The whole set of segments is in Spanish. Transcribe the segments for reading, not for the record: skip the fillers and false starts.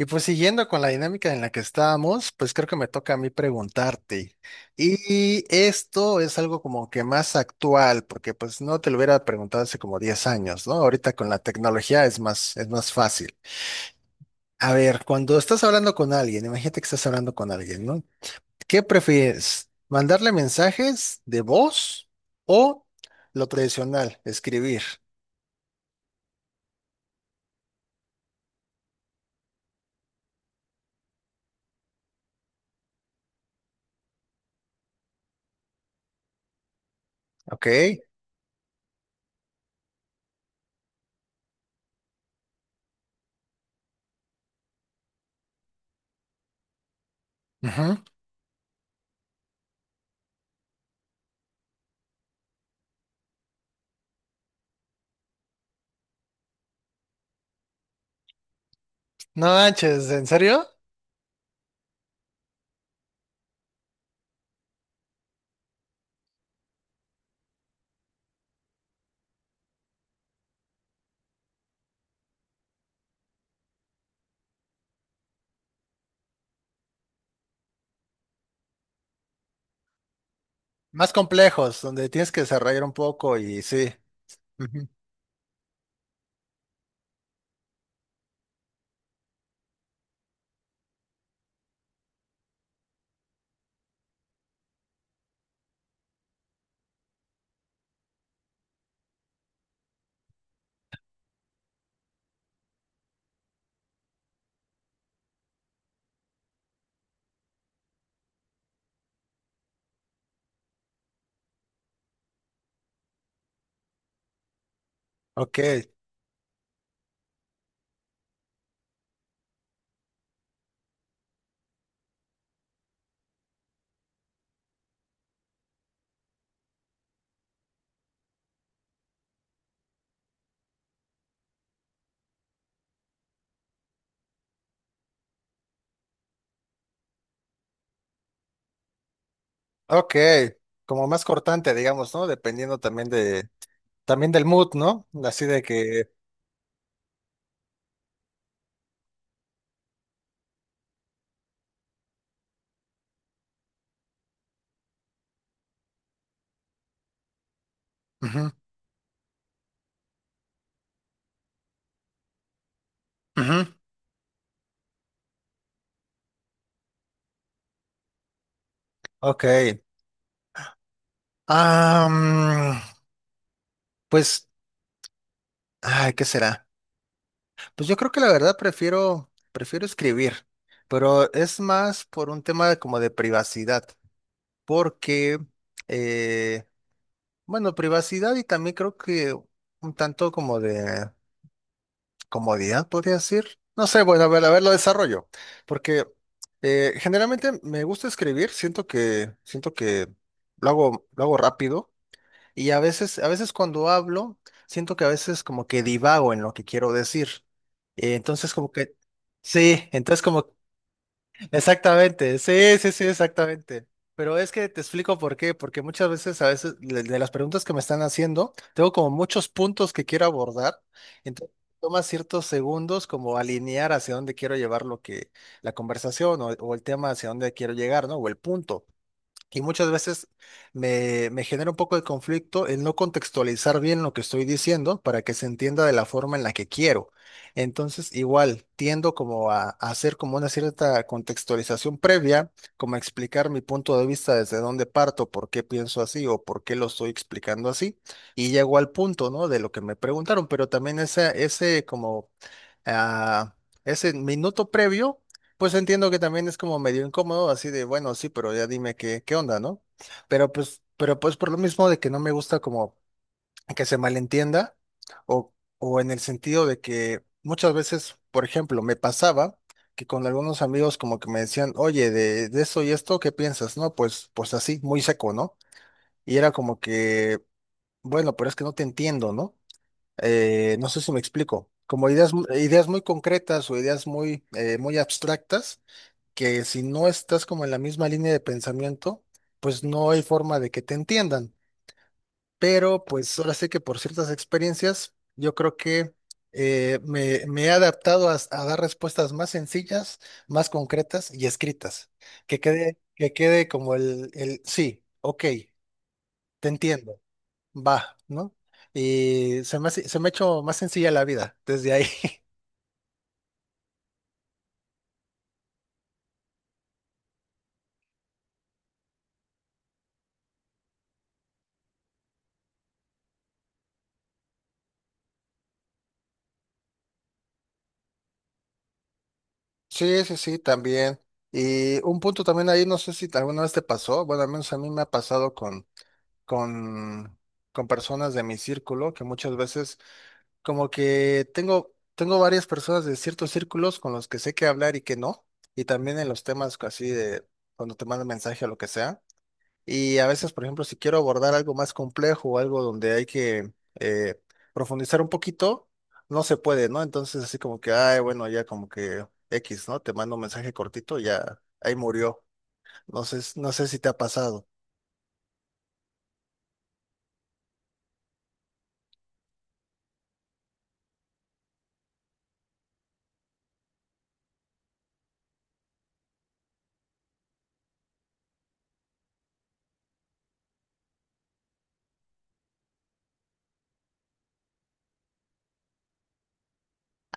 Y pues siguiendo con la dinámica en la que estábamos, pues creo que me toca a mí preguntarte. Y esto es algo como que más actual, porque pues no te lo hubiera preguntado hace como 10 años, ¿no? Ahorita con la tecnología es más fácil. A ver, cuando estás hablando con alguien, imagínate que estás hablando con alguien, ¿no? ¿Qué prefieres? ¿Mandarle mensajes de voz o lo tradicional, escribir? ¿Ok? Ujú. No manches, ¿en serio? Más complejos, donde tienes que desarrollar un poco y sí. Ujú. Ok, ok. Como más cortante, digamos, ¿no? Dependiendo también del mood, ¿no? Así de que. Ujú, ujú. Ok. Ah, pues, ay, ¿qué será? Pues yo creo que la verdad prefiero escribir, pero es más por un tema como de privacidad, porque, eh, bueno, privacidad y también creo que un tanto como de comodidad, podría decir. No sé, bueno, a ver, lo desarrollo. Porque generalmente me gusta escribir, siento que lo hago rápido. Y a veces cuando hablo, siento que a veces como que divago en lo que quiero decir. Entonces como que, sí, entonces como. Exactamente, sí, sí, sí, exactamente. Pero es que te explico por qué, porque muchas veces, a veces, de las preguntas que me están haciendo, tengo como muchos puntos que quiero abordar, entonces toma ciertos segundos como alinear hacia dónde quiero llevar lo que, la conversación o el tema hacia dónde quiero llegar, ¿no? O el punto. Y muchas veces me genera un poco de conflicto el no contextualizar bien lo que estoy diciendo para que se entienda de la forma en la que quiero. Entonces, igual, tiendo como a hacer como una cierta contextualización previa, como a explicar mi punto de vista desde dónde parto, por qué pienso así o por qué lo estoy explicando así. Y llego al punto, ¿no? De lo que me preguntaron, pero también ese como a ese minuto previo, pues entiendo que también es como medio incómodo, así de, bueno, sí, pero ya dime qué, onda, ¿no? Pero pues por lo mismo de que no me gusta como que se malentienda o, o en el sentido de que muchas veces, por ejemplo, me pasaba que con algunos amigos como que me decían, oye, de esto y esto, ¿qué piensas? No, pues así, muy seco, ¿no? Y era como que, bueno, pero es que no te entiendo, ¿no? No sé si me explico, como ideas, ideas muy concretas o ideas muy, muy abstractas, que si no estás como en la misma línea de pensamiento, pues no hay forma de que te entiendan. Pero pues ahora sí que por ciertas experiencias, yo creo que me he adaptado a dar respuestas más sencillas, más concretas y escritas. Que quede como el sí, ok, te entiendo va, ¿no? Y se me ha hecho más sencilla la vida desde ahí. Sí, sí, sí, también. Y un punto también ahí, no sé si alguna vez te pasó, bueno, al menos a mí me ha pasado con, con personas de mi círculo, que muchas veces como que tengo varias personas de ciertos círculos con los que sé qué hablar y qué no, y también en los temas así de cuando te mandan mensaje o lo que sea. Y a veces, por ejemplo, si quiero abordar algo más complejo o algo donde hay que eh, profundizar un poquito, no se puede, ¿no? Entonces, así como que, ay, bueno, ya como que X, ¿no? Te mando un mensaje cortito, y ya ahí murió. No sé si te ha pasado.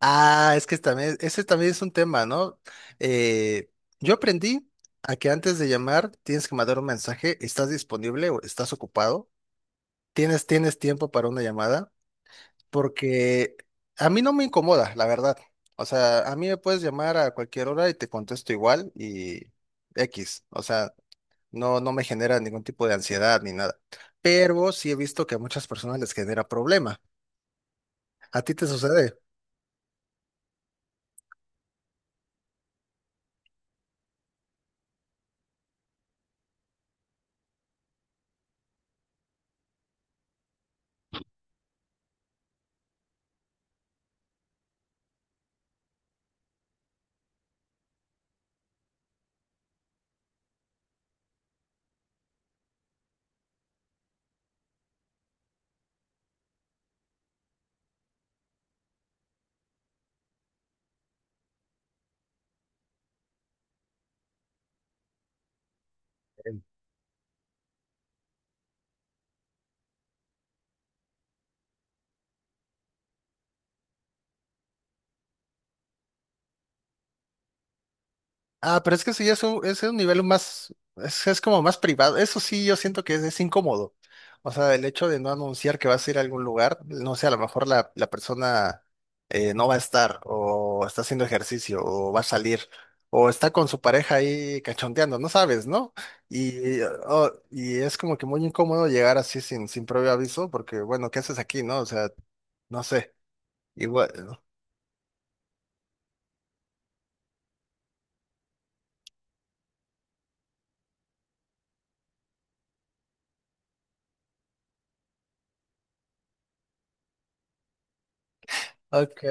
Ah, es que también, ese también es un tema, ¿no? Eh, yo aprendí a que antes de llamar tienes que mandar un mensaje, ¿estás disponible o estás ocupado? ¿Tienes tiempo para una llamada? Porque a mí no me incomoda, la verdad. O sea, a mí me puedes llamar a cualquier hora y te contesto igual y X. O sea, no, no me genera ningún tipo de ansiedad ni nada. Pero sí he visto que a muchas personas les genera problema. ¿A ti te sucede? Ah, pero es que eso ya es un nivel más, es como más privado. Eso sí, yo siento que es incómodo. O sea, el hecho de no anunciar que vas a ir a algún lugar, no sé, a lo mejor la persona no va a estar, o está haciendo ejercicio, o va a salir, o está con su pareja ahí cachondeando, no sabes, ¿no? Y, oh, y es como que muy incómodo llegar así sin previo aviso, porque bueno, ¿qué haces aquí, no? O sea, no sé, igual. Ok.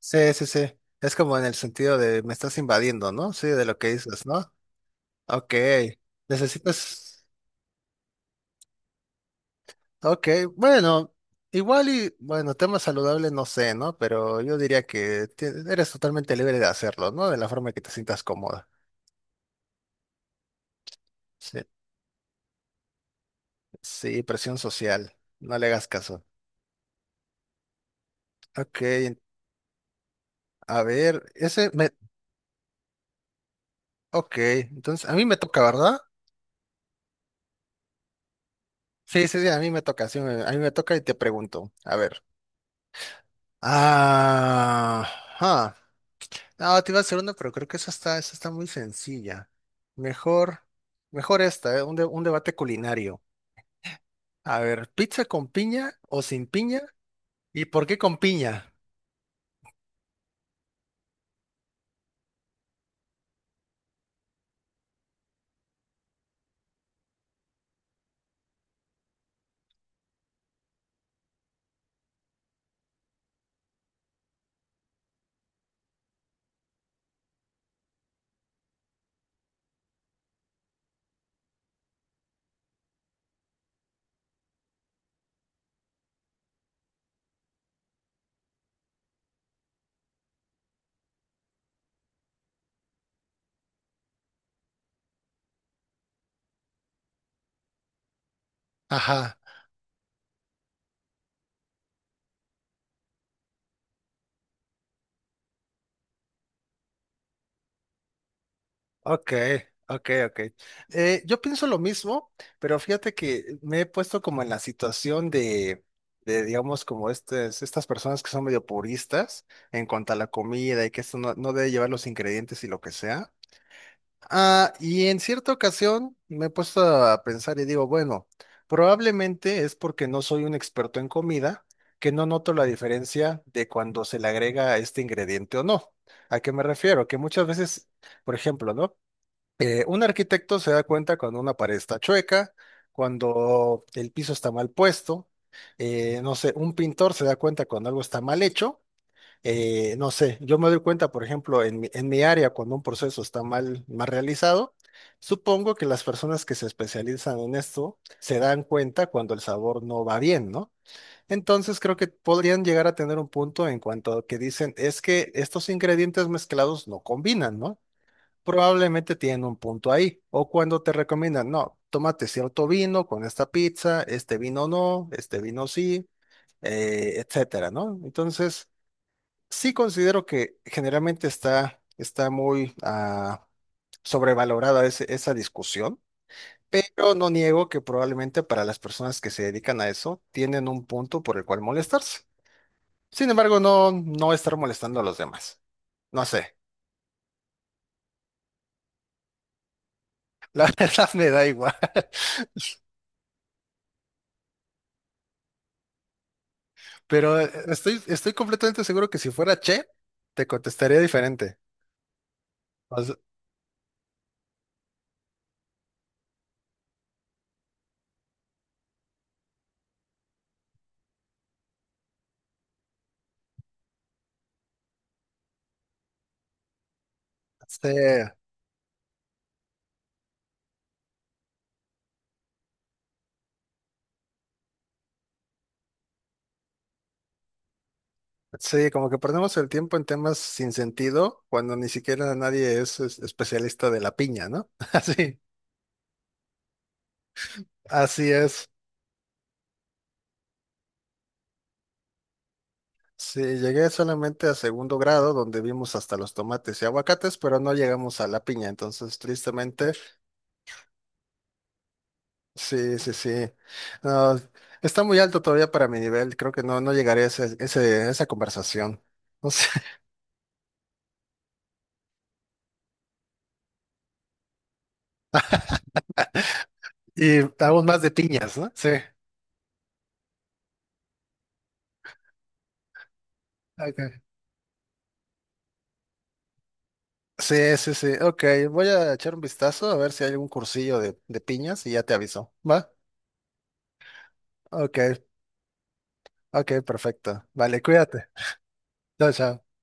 Sí, sí, sí. Es como en el sentido de me estás invadiendo, ¿no? Sí, de lo que dices, ¿no? Ok. Necesitas. Ok, bueno, igual y, bueno, tema saludable no sé, ¿no? Pero yo diría que eres totalmente libre de hacerlo, ¿no? De la forma que te sientas cómoda. Sí, sí, presión social. No le hagas caso. Ok, a ver, ese me. Ok, entonces a mí me toca, ¿verdad? Sí, sí, sí, a mí me toca, sí, a mí me toca y te pregunto. A ver. Ah. Ah, te iba a hacer una, pero creo que esa está muy sencilla. Mejor, mejor esta, ¿eh? Un debate culinario. A ver, ¿pizza con piña o sin piña? ¿Y por qué con piña? Ajá. Ok, ok, ok. Yo pienso lo mismo, pero fíjate que me he puesto como en la situación de digamos, como estas personas que son medio puristas en cuanto a la comida y que esto no, no debe llevar los ingredientes y lo que sea. Ah, y en cierta ocasión me he puesto a pensar y digo, bueno, probablemente es porque no soy un experto en comida que no noto la diferencia de cuando se le agrega este ingrediente o no. ¿A qué me refiero? Que muchas veces, por ejemplo, ¿no? Un arquitecto se da cuenta cuando una pared está chueca, cuando el piso está mal puesto, no sé, un pintor se da cuenta cuando algo está mal hecho, no sé, yo me doy cuenta, por ejemplo, en mi área, cuando un proceso está mal, mal realizado, supongo que las personas que se especializan en esto se dan cuenta cuando el sabor no va bien, ¿no? Entonces creo que podrían llegar a tener un punto en cuanto a que dicen, es que estos ingredientes mezclados no combinan, ¿no? Probablemente tienen un punto ahí. O cuando te recomiendan, no, tómate cierto vino con esta pizza, este vino no, este vino sí, etcétera, ¿no? Entonces, sí considero que generalmente está muy sobrevalorada esa discusión, pero no niego que probablemente para las personas que se dedican a eso tienen un punto por el cual molestarse. Sin embargo, no, no estar molestando a los demás. No sé, la verdad me da igual, pero estoy completamente seguro que si fuera Che, te contestaría diferente. O sea, sí. Sí, como que perdemos el tiempo en temas sin sentido cuando ni siquiera nadie es especialista de la piña, ¿no? Así, así es. Sí, llegué solamente a segundo grado donde vimos hasta los tomates y aguacates, pero no llegamos a la piña, entonces tristemente, sí, sí, sí. No, está muy alto todavía para mi nivel, creo que no, no llegaré a esa conversación. No sé. Y aún más de piñas, ¿no? Sí. Ok. Sí, sí, sí. Ok, voy a echar un vistazo a ver si hay algún cursillo de piñas y ya te aviso. ¿Va? Ok, ok, perfecto. Vale, cuídate. Chao, chao.